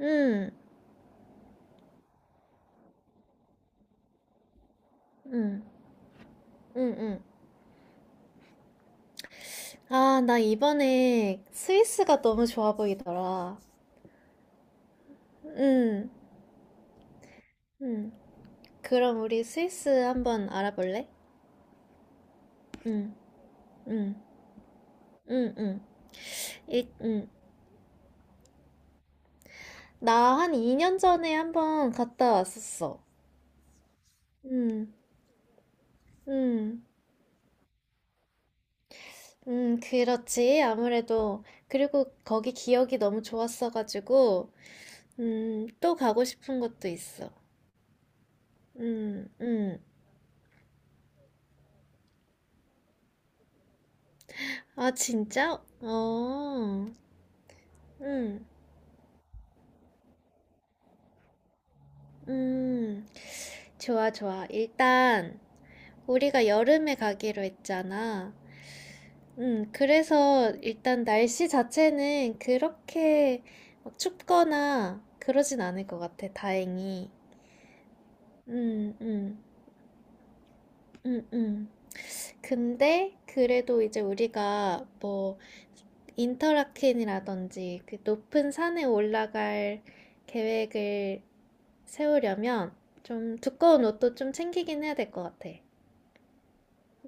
응, 응, 응, 응. 아, 나 이번에 스위스가 너무 좋아 보이더라. 응, 응. 그럼 우리 스위스 한번 알아볼래? 응, 응, 응, 응. 일, 응. 나 한 2년 전에 한번 갔다 왔었어. 응, 응, 응, 그렇지. 아무래도. 그리고 거기 기억이 너무 좋았어가지고, 또 가고 싶은 것도 있어. 응, 응. 아, 진짜? 어. 음, 음, 좋아, 좋아. 일단, 우리가 여름에 가기로 했잖아. 그래서 일단 날씨 자체는 그렇게 막 춥거나 그러진 않을 것 같아, 다행히. 음, 음, 음, 음. 근데, 그래도 이제 우리가 뭐, 인터라켄이라든지 그 높은 산에 올라갈 계획을 세우려면 좀 두꺼운 옷도 좀 챙기긴 해야 될 것 같아.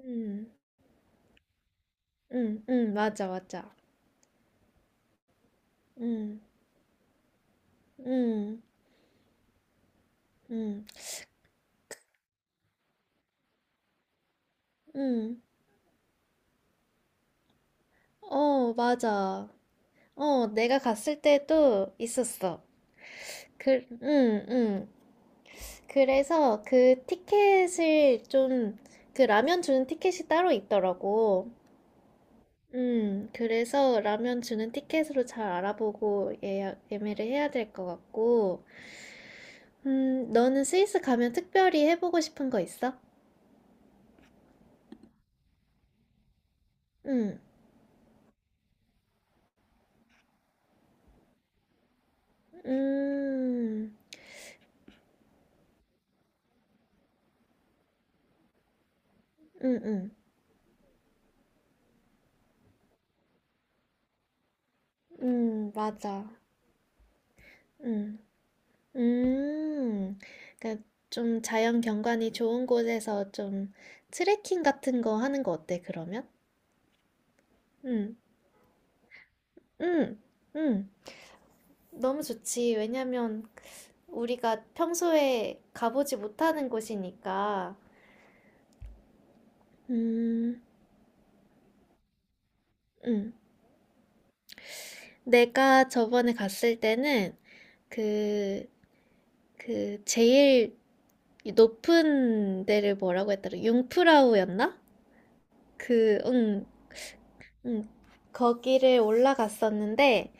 음. 음. 음. 맞아, 맞아. 음. 음. 음. 음. 어, 맞아. 어, 내가 갔을 때도 있었어. 그, 음, 음. 그래서 그 티켓을 좀, 그 라면 주는 티켓이 따로 있더라고. 그래서 라면 주는 티켓으로 잘 알아보고 예약, 예매를 해야 될 것 같고. 너는 스위스 가면 특별히 해보고 싶은 거 있어? 음, 음, 음, 음. 맞아. 음. 음. 그러니까 좀 자연 경관이 좋은 곳에서 좀 트레킹 같은 거 하는 거 어때, 그러면? 음. 음. 음. 너무 좋지. 왜냐면 우리가 평소에 가보지 못하는 곳이니까. 음. 음. 내가 저번에 갔을 때는 그, 그 제일 높은 데를 뭐라고 했더라? 융프라우였나? 응, 음, 거기를 올라갔었는데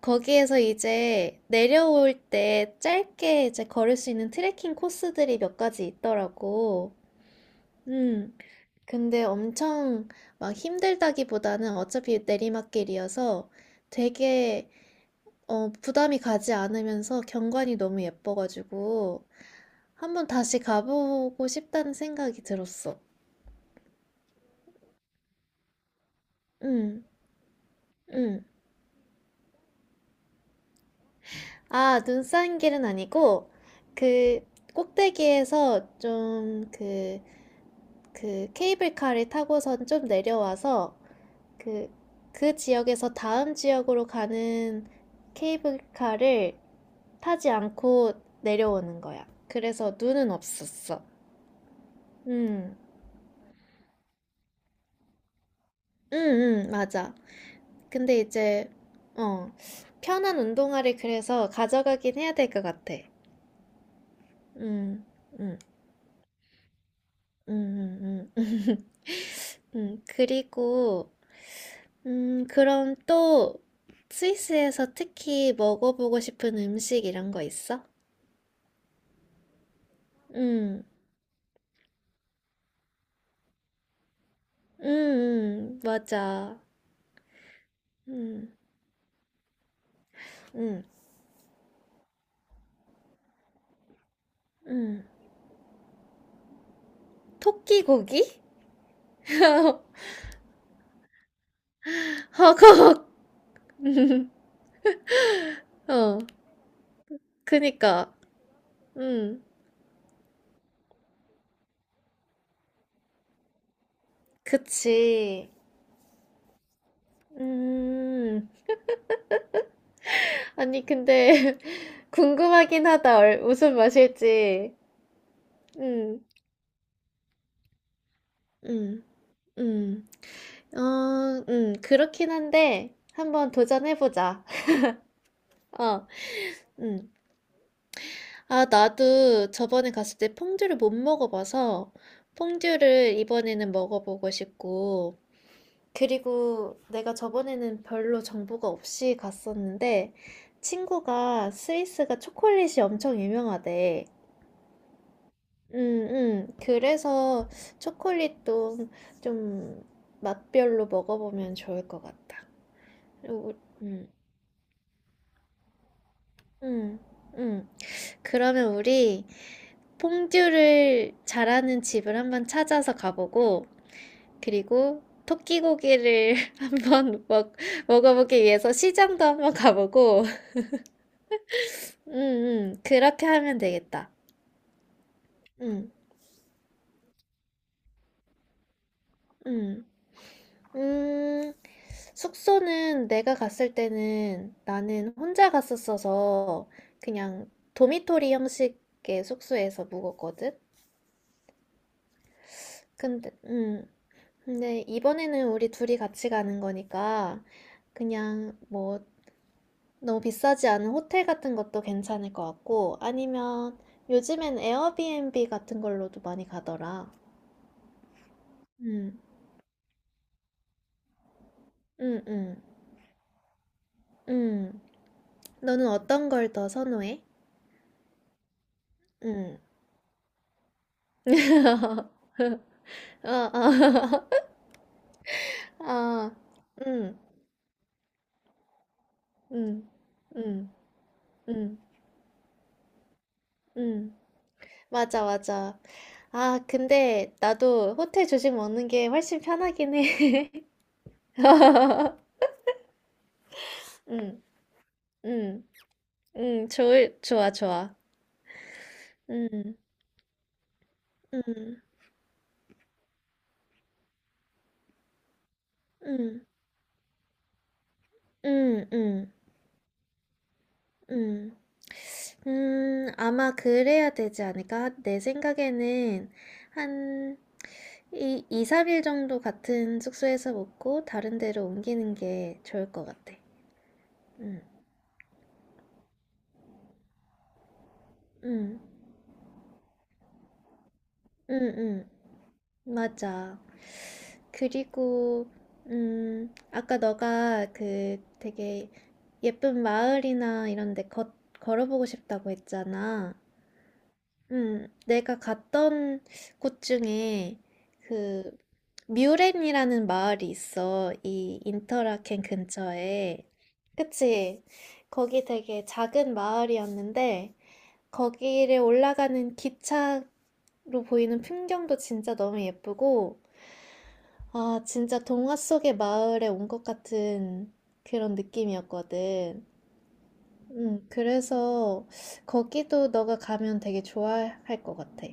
거기에서 이제 내려올 때 짧게 이제 걸을 수 있는 트레킹 코스들이 몇 가지 있더라고. 음, 근데 엄청 막 힘들다기보다는 어차피 내리막길이어서 되게 부담이 가지 않으면서 경관이 너무 예뻐가지고 한번 다시 가보고 싶다는 생각이 들었어. 응. 응. 아, 눈 쌓인 길은 아니고, 그, 꼭대기에서 좀, 케이블카를 타고선 좀 내려와서, 그, 그 지역에서 다음 지역으로 가는 케이블카를 타지 않고 내려오는 거야. 그래서 눈은 없었어. 음, 음, 맞아. 근데 이제, 어, 편한 운동화를 그래서 가져가긴 해야 될 것 같아. 음, 음, 음, 음, 음. 그리고, 그럼 또 스위스에서 특히 먹어보고 싶은 음식 이런 거 있어? 음, 맞아. 음, 음, 음. 토끼 고기? 허걱. 어, 그니까. 음, 그치. 음, 아니, 근데 궁금하긴 하다. 무슨 맛일지. 음, 음, 음. 어, 그렇긴 한데, 한번 도전해보자. 어, 음. 아, 나도 저번에 갔을 때 퐁듀를 못 먹어봐서, 퐁듀를 이번에는 먹어보고 싶고, 그리고 내가 저번에는 별로 정보가 없이 갔었는데, 친구가 스위스가 초콜릿이 엄청 유명하대. 그래서 초콜릿도 좀 맛별로 먹어보면 좋을 것 같다. 응응응 음, 음. 그러면 우리 퐁듀를 잘하는 집을 한번 찾아서 가보고, 그리고 토끼고기를 한번 먹어보기 위해서 시장도 한번 가보고, 그렇게 하면 되겠다. 음, 음, 음, 숙소는 내가 갔을 때는 나는 혼자 갔었어서 그냥 도미토리 형식의 숙소에서 묵었거든? 근데, 음, 근데 이번에는 우리 둘이 같이 가는 거니까 그냥 뭐 너무 비싸지 않은 호텔 같은 것도 괜찮을 것 같고 아니면 요즘엔 에어비앤비 같은 걸로도 많이 가더라. 음, 음, 음, 음. 너는 어떤 걸 더 선호해? 음. 어, 어, 어, 음, 음, 음, 음, 음. 맞아, 맞아. 아, 근데 나도 호텔 조식 먹는 게 훨씬 편하긴 해. 응, 응, 응, 좋아, 좋아. 응, 응, 응, 응, 응, 응. 아마 그래야 되지 않을까? 내 생각에는 한 2, 3일 정도 같은 숙소에서 먹고 다른 데로 옮기는 게 좋을 것 같아. 응, 응, 응, 응. 맞아. 그리고 아까 너가 그 되게 예쁜 마을이나 이런 데 걸어보고 싶다고 했잖아. 내가 갔던 곳 중에 그 뮤렌이라는 마을이 있어. 이 인터라켄 근처에. 그치? 거기 되게 작은 마을이었는데 거기를 올라가는 기차로 보이는 풍경도 진짜 너무 예쁘고 아, 진짜 동화 속의 마을에 온 것 같은 그런 느낌이었거든. 응, 그래서 거기도 너가 가면 되게 좋아할 것 같아.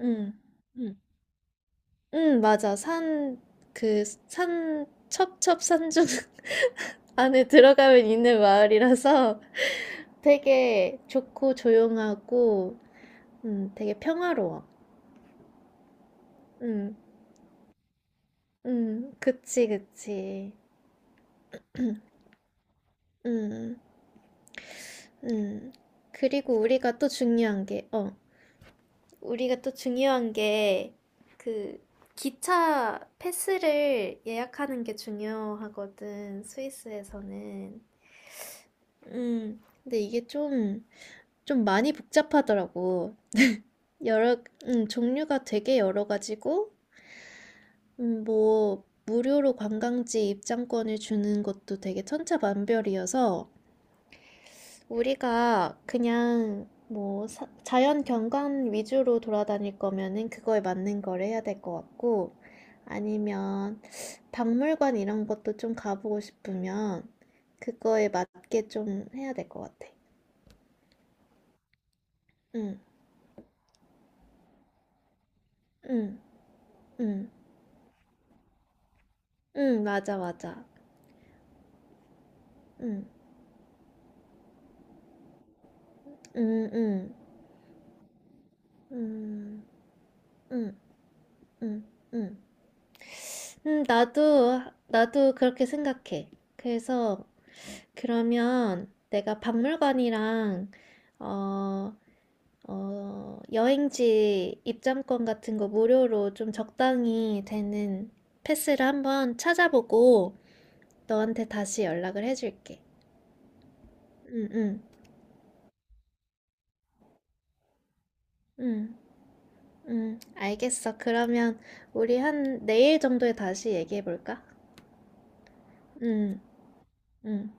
응, 응, 응, 맞아. 첩첩산중 안에 들어가면 있는 마을이라서 되게 좋고 조용하고, 되게 평화로워. 응, 응, 그치, 그치. 응, 응. 그리고 우리가 또 중요한 게, 어. 우리가 또 중요한 게 그 기차 패스를 예약하는 게 중요하거든, 스위스에서는. 근데 이게 좀, 많이 복잡하더라고. 여러, 종류가 되게 여러 가지고, 뭐, 무료로 관광지 입장권을 주는 것도 되게 천차만별이어서, 우리가 그냥 뭐 자연 경관 위주로 돌아다닐 거면은 그거에 맞는 걸 해야 될 것 같고 아니면 박물관 이런 것도 좀 가보고 싶으면 그거에 맞게 좀 해야 될 것 같아. 응, 응, 응, 응, 맞아, 맞아. 응, 응, 응, 응, 응, 응, 응. 음, 나도, 나도 그렇게 생각해. 그래서 그러면 내가 박물관이랑 어, 여행지 입장권 같은 거 무료로 좀 적당히 되는 패스를 한번 찾아보고 너한테 다시 연락을 해줄게. 응, 응, 응, 응, 알겠어. 그러면 우리 한 내일 정도에 다시 얘기해볼까? 응, 응,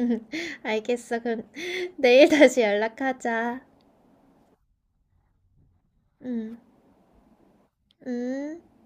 응, 알겠어. 그럼 내일 다시 연락하자. 응, 응.